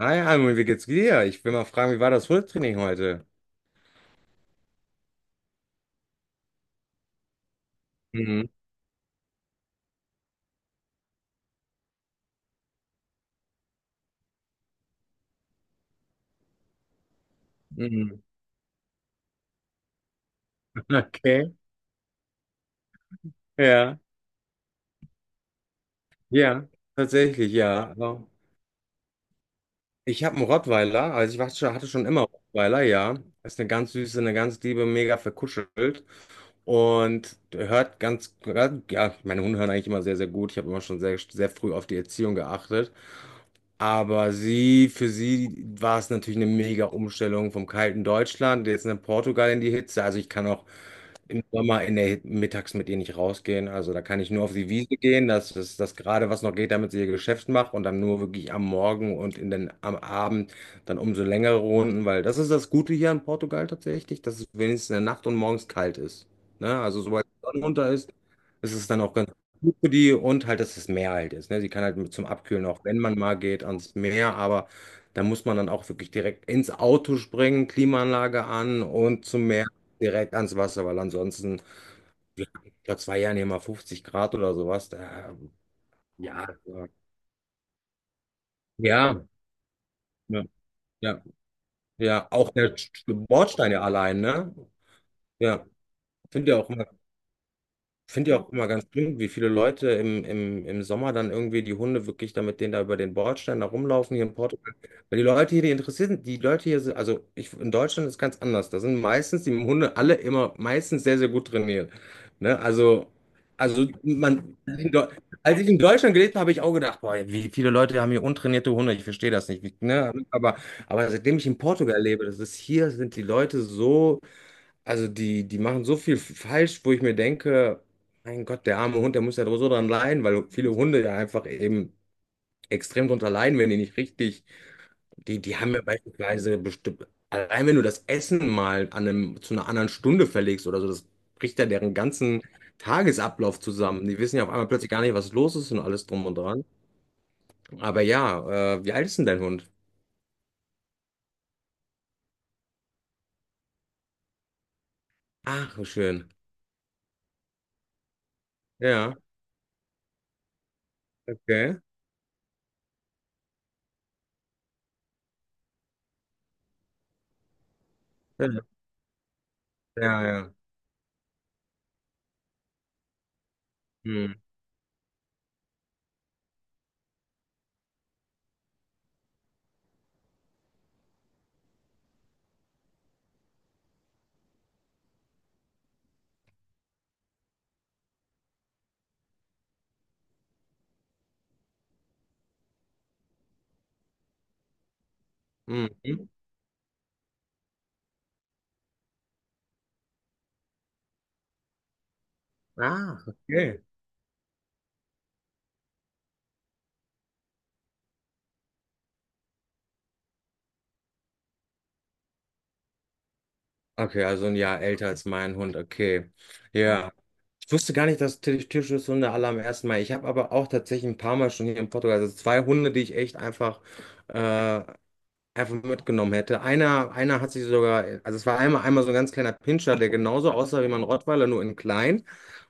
Hi, Almut, wie geht's dir? Ich will mal fragen, wie war das Hundetraining heute? Mhm. Mhm. Okay. Ja, ja, tatsächlich, ja. Also, ich habe einen Rottweiler, also ich war schon, hatte schon immer Rottweiler, ja. Ist eine ganz süße, eine ganz liebe, mega verkuschelt und hört ganz, ja, meine Hunde hören eigentlich immer sehr, sehr gut. Ich habe immer schon sehr, sehr früh auf die Erziehung geachtet. Aber sie, für sie war es natürlich eine mega Umstellung vom kalten Deutschland, jetzt in Portugal in die Hitze. Also ich kann auch im Sommer in der, mittags mit ihr nicht rausgehen. Also da kann ich nur auf die Wiese gehen, dass es das gerade was noch geht, damit sie ihr Geschäft macht und dann nur wirklich am Morgen und in den, am Abend dann umso längere Runden, weil das ist das Gute hier in Portugal tatsächlich, dass es wenigstens in der Nacht und morgens kalt ist. Ne? Also sobald die Sonne unter ist, es ist dann auch ganz gut für die und halt, dass es Meer halt ist. Ne? Sie kann halt mit zum Abkühlen auch, wenn man mal geht, ans Meer, aber da muss man dann auch wirklich direkt ins Auto springen, Klimaanlage an und zum Meer direkt ans Wasser, weil ansonsten, ja, vor zwei Jahren hier mal 50 Grad oder sowas, da, ja, ja, ja, ja, ja, auch der Bordstein ja allein, ne? Ja, finde ich auch immer finde ich ja auch immer ganz schlimm, wie viele Leute im Sommer dann irgendwie die Hunde wirklich da mit denen da über den Bordstein da rumlaufen hier in Portugal. Weil die Leute hier, die interessieren, die Leute hier sind, also ich, in Deutschland ist ganz anders. Da sind meistens die Hunde alle immer meistens sehr, sehr gut trainiert. Ne? Also man, als ich in Deutschland gelebt habe, habe ich auch gedacht, boah, wie viele Leute haben hier untrainierte Hunde, ich verstehe das nicht. Wie, ne? Aber seitdem ich in Portugal lebe, das ist hier, sind die Leute so. Also die, die machen so viel falsch, wo ich mir denke, mein Gott, der arme Hund, der muss ja so dran leiden, weil viele Hunde ja einfach eben extrem drunter leiden, wenn die nicht richtig, die, die haben ja beispielsweise bestimmt, allein wenn du das Essen mal an einem, zu einer anderen Stunde verlegst oder so, das bricht ja deren ganzen Tagesablauf zusammen. Die wissen ja auf einmal plötzlich gar nicht, was los ist und alles drum und dran. Aber ja, wie alt ist denn dein Hund? Ach, wie schön. Ja, okay. Ja, ja, ja. Hm. Mhm. Ah, okay. Okay, also ein Jahr älter als mein Hund, okay. Ja. Ja. Ich wusste gar nicht, dass Tierschutzhunde alle am ersten Mal. Ich habe aber auch tatsächlich ein paar Mal schon hier in Portugal, also zwei Hunde, die ich echt einfach, äh, einfach mitgenommen hätte. Einer hat sich sogar, also es war einmal so ein ganz kleiner Pinscher, der genauso aussah wie mein Rottweiler, nur in klein.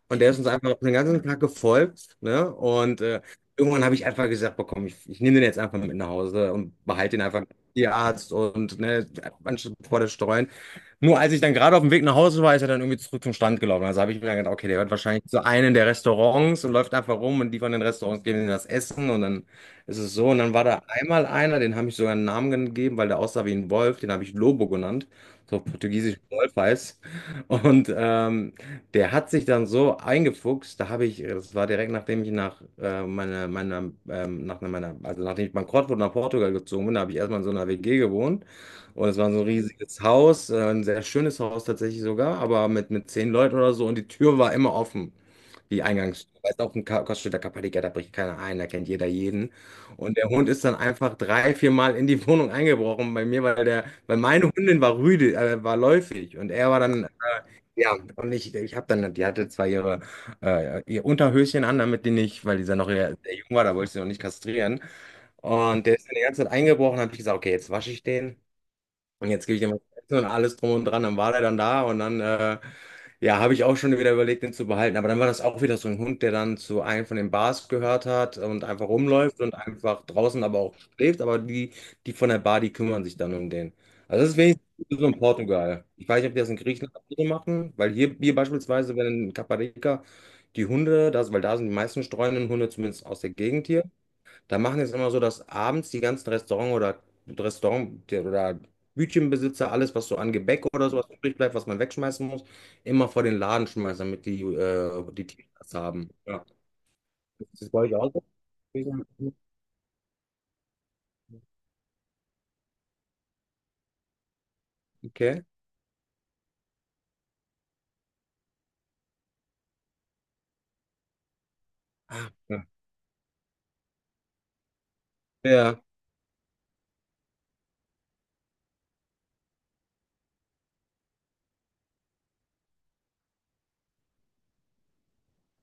Und der ist uns einfach den ganzen Tag gefolgt, ne? Und irgendwann habe ich einfach gesagt, boah, komm, ich nehme den jetzt einfach mit nach Hause und behalte den einfach Tierarzt und ne, anstatt vor der Streuen. Nur als ich dann gerade auf dem Weg nach Hause war, ist er dann irgendwie zurück zum Stand gelaufen. Also habe ich mir dann gedacht, okay, der wird wahrscheinlich zu einem der Restaurants und läuft einfach rum und die von den Restaurants geben ihm das Essen und dann ist es so. Und dann war da einmal einer, den habe ich sogar einen Namen gegeben, weil der aussah wie ein Wolf, den habe ich Lobo genannt, so auf portugiesisch Wolf heißt. Und der hat sich dann so eingefuchst, da habe ich, das war direkt nachdem ich nach nach meiner, also nachdem ich bankrott wurde nach Portugal gezogen bin, da habe ich erstmal in so einer WG gewohnt. Und es war so ein riesiges Haus, ein sehr schönes Haus tatsächlich sogar, aber mit zehn Leuten oder so. Und die Tür war immer offen, die Eingangstür. Weißt auch ein Koststädter Kapadiker, da bricht keiner ein, da kennt jeder jeden. Und der Hund ist dann einfach drei, vier Mal in die Wohnung eingebrochen bei mir, weil der, weil meine Hündin war rüde, war läufig und er war dann ja, und ich habe dann, die hatte zwar ihre, ihr Unterhöschen an, damit die nicht, weil die dann noch sehr sehr jung war, da wollte ich sie noch nicht kastrieren. Und der ist dann die ganze Zeit eingebrochen, habe ich gesagt, okay, jetzt wasche ich den. Und jetzt gebe ich dem was zu essen und alles drum und dran. Dann war der dann da und dann, ja, habe ich auch schon wieder überlegt, den zu behalten. Aber dann war das auch wieder so ein Hund, der dann zu einem von den Bars gehört hat und einfach rumläuft und einfach draußen aber auch schläft. Aber die, die von der Bar, die kümmern sich dann um den. Also das ist wenigstens so in Portugal. Ich weiß nicht, ob die das in Griechenland auch so machen, weil hier beispielsweise, wenn in Caparica die Hunde, das, weil da sind die meisten streunenden Hunde, zumindest aus der Gegend hier da machen jetzt immer so, dass abends die ganzen Restaurant oder Restaurant oder Bütchenbesitzer alles, was so an Gebäck oder sowas übrig bleibt, was man wegschmeißen muss, immer vor den Laden schmeißen, damit die die Tiere das haben. Ja. Ist das bei euch auch so? Okay. Ah, ja, ja.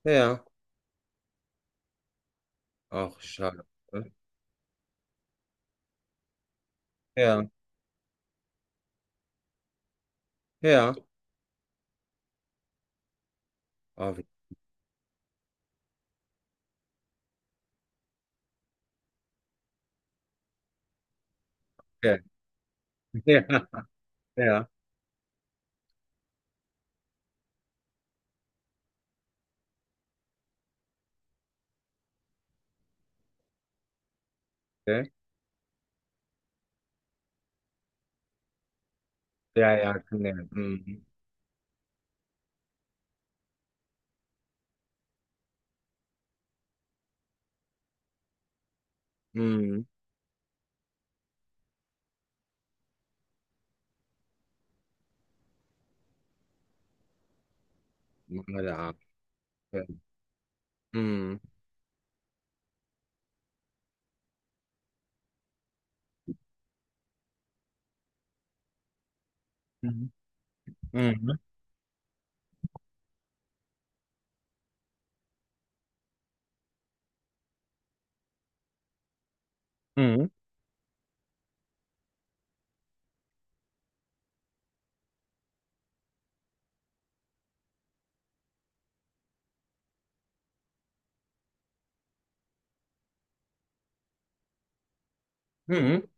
ja. Ach, schade. Ja, ja. Oh, wie- okay. Ja, ja, okay. Ja, ja, kann ja. Mhm. Mhm. Mann, der Arm. Ja. Mhm. Mhm. Mhm. Mhm. Mhm.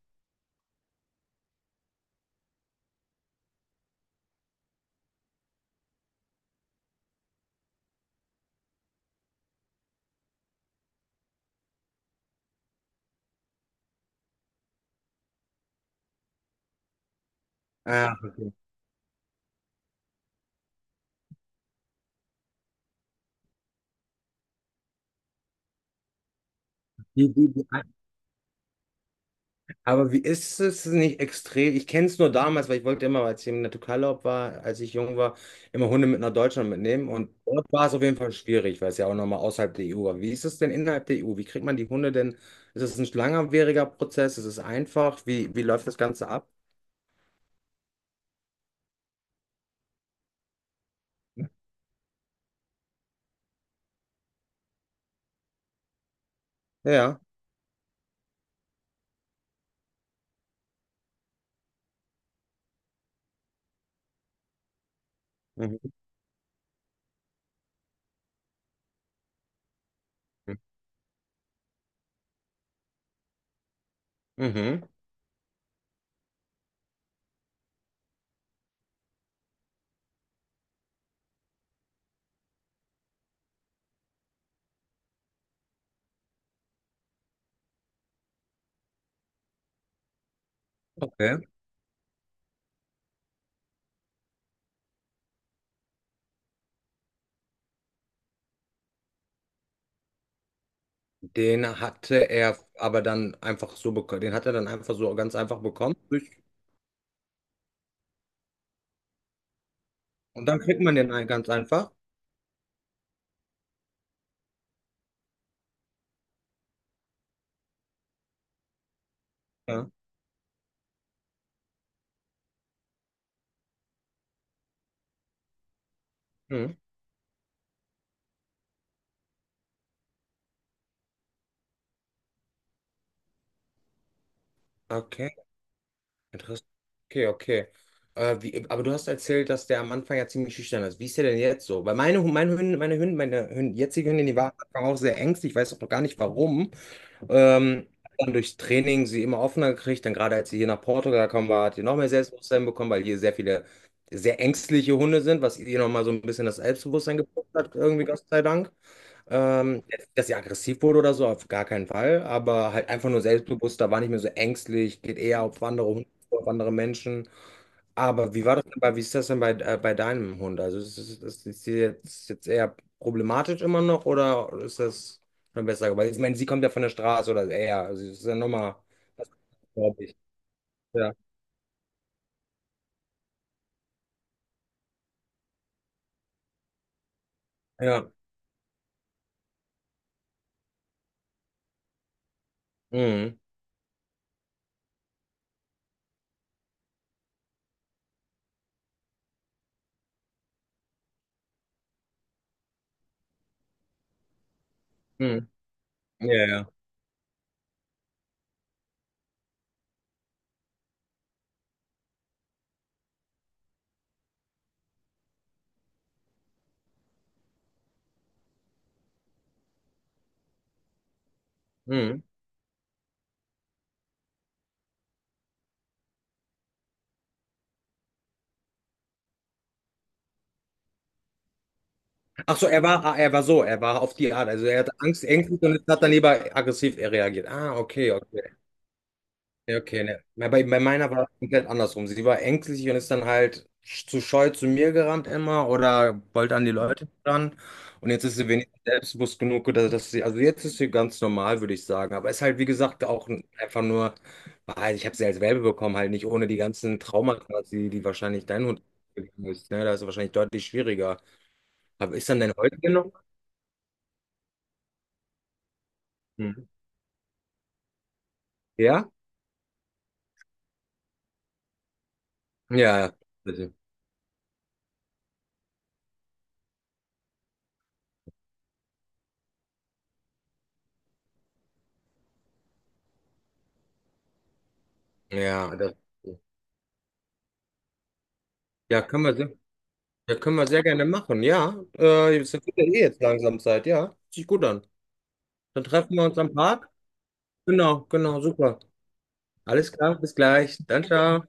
Ah. Wie- wie- wie- Aber wie ist es nicht extrem? Ich kenne es nur damals, weil ich wollte immer, als ich im Naturalurlaub war, als ich jung war, immer Hunde mit nach Deutschland mitnehmen. Und dort war es auf jeden Fall schwierig, weil es ja auch nochmal außerhalb der EU war. Wie ist es denn innerhalb der EU? Wie kriegt man die Hunde denn? Ist es ein langwieriger Prozess? Ist es einfach? Wie, wie läuft das Ganze ab? Ja. Mhm. Mhm. Okay. Den hatte er aber dann einfach so bekommen. Den hat er dann einfach so ganz einfach bekommen. Und dann kriegt man den ganz einfach. Ja. Mhm. Okay. Interessant. Okay, okay. Aber du hast erzählt, dass der am Anfang ja ziemlich schüchtern ist. Wie ist der denn jetzt so? Weil meine, Hu- meine Hündin, meine Hündin, meine Hündin, jetzige Hündin, die war am Anfang auch sehr ängstlich. Ich weiß auch noch gar nicht warum. Ähm, dann durchs Training sie immer offener gekriegt. Dann gerade als sie hier nach Portugal gekommen war, hat sie noch mehr Selbstbewusstsein bekommen, weil hier sehr viele sehr ängstliche Hunde sind, was ihr nochmal so ein bisschen das Selbstbewusstsein gebracht hat, irgendwie, Gott sei Dank. Jetzt, dass sie aggressiv wurde oder so, auf gar keinen Fall, aber halt einfach nur selbstbewusster, war nicht mehr so ängstlich, geht eher auf andere Hunde, auf andere Menschen. Aber wie ist das denn bei, bei deinem Hund? Also ist sie jetzt, jetzt eher problematisch immer noch oder ist das schon besser geworden? Ich meine, sie kommt ja von der Straße oder eher, also das ist ja nochmal, glaube ich. Ja, ja, mhm. Mhm. Ja, ja. Mhm. Ach so, er war auf die Art. Also er hatte Angst, Ängste und hat dann lieber aggressiv reagiert. Ah, okay, okay. Ja, okay, ne. Bei meiner war es komplett andersrum. Sie war ängstlich und ist dann halt zu scheu zu mir gerannt immer oder wollte an die Leute ran. Und jetzt ist sie wenigstens selbstbewusst genug, dass sie, also jetzt ist sie ganz normal, würde ich sagen. Aber ist halt, wie gesagt, auch einfach nur, weil ich habe sie als Welpe bekommen, halt nicht ohne die ganzen Traumata, die wahrscheinlich dein Hund gegangen ist. Ne? Da ist es wahrscheinlich deutlich schwieriger. Aber ist dann dein Hund genommen? Ja? Ja, ja. Bitte. Ja, das, ja, können wir sehr, ja, können wir sehr gerne machen. Ja, es wird ja eh jetzt langsam Zeit. Ja, hört sich gut an. Dann treffen wir uns am Park. Genau, genau, super. Alles klar, bis gleich. Dann, ciao.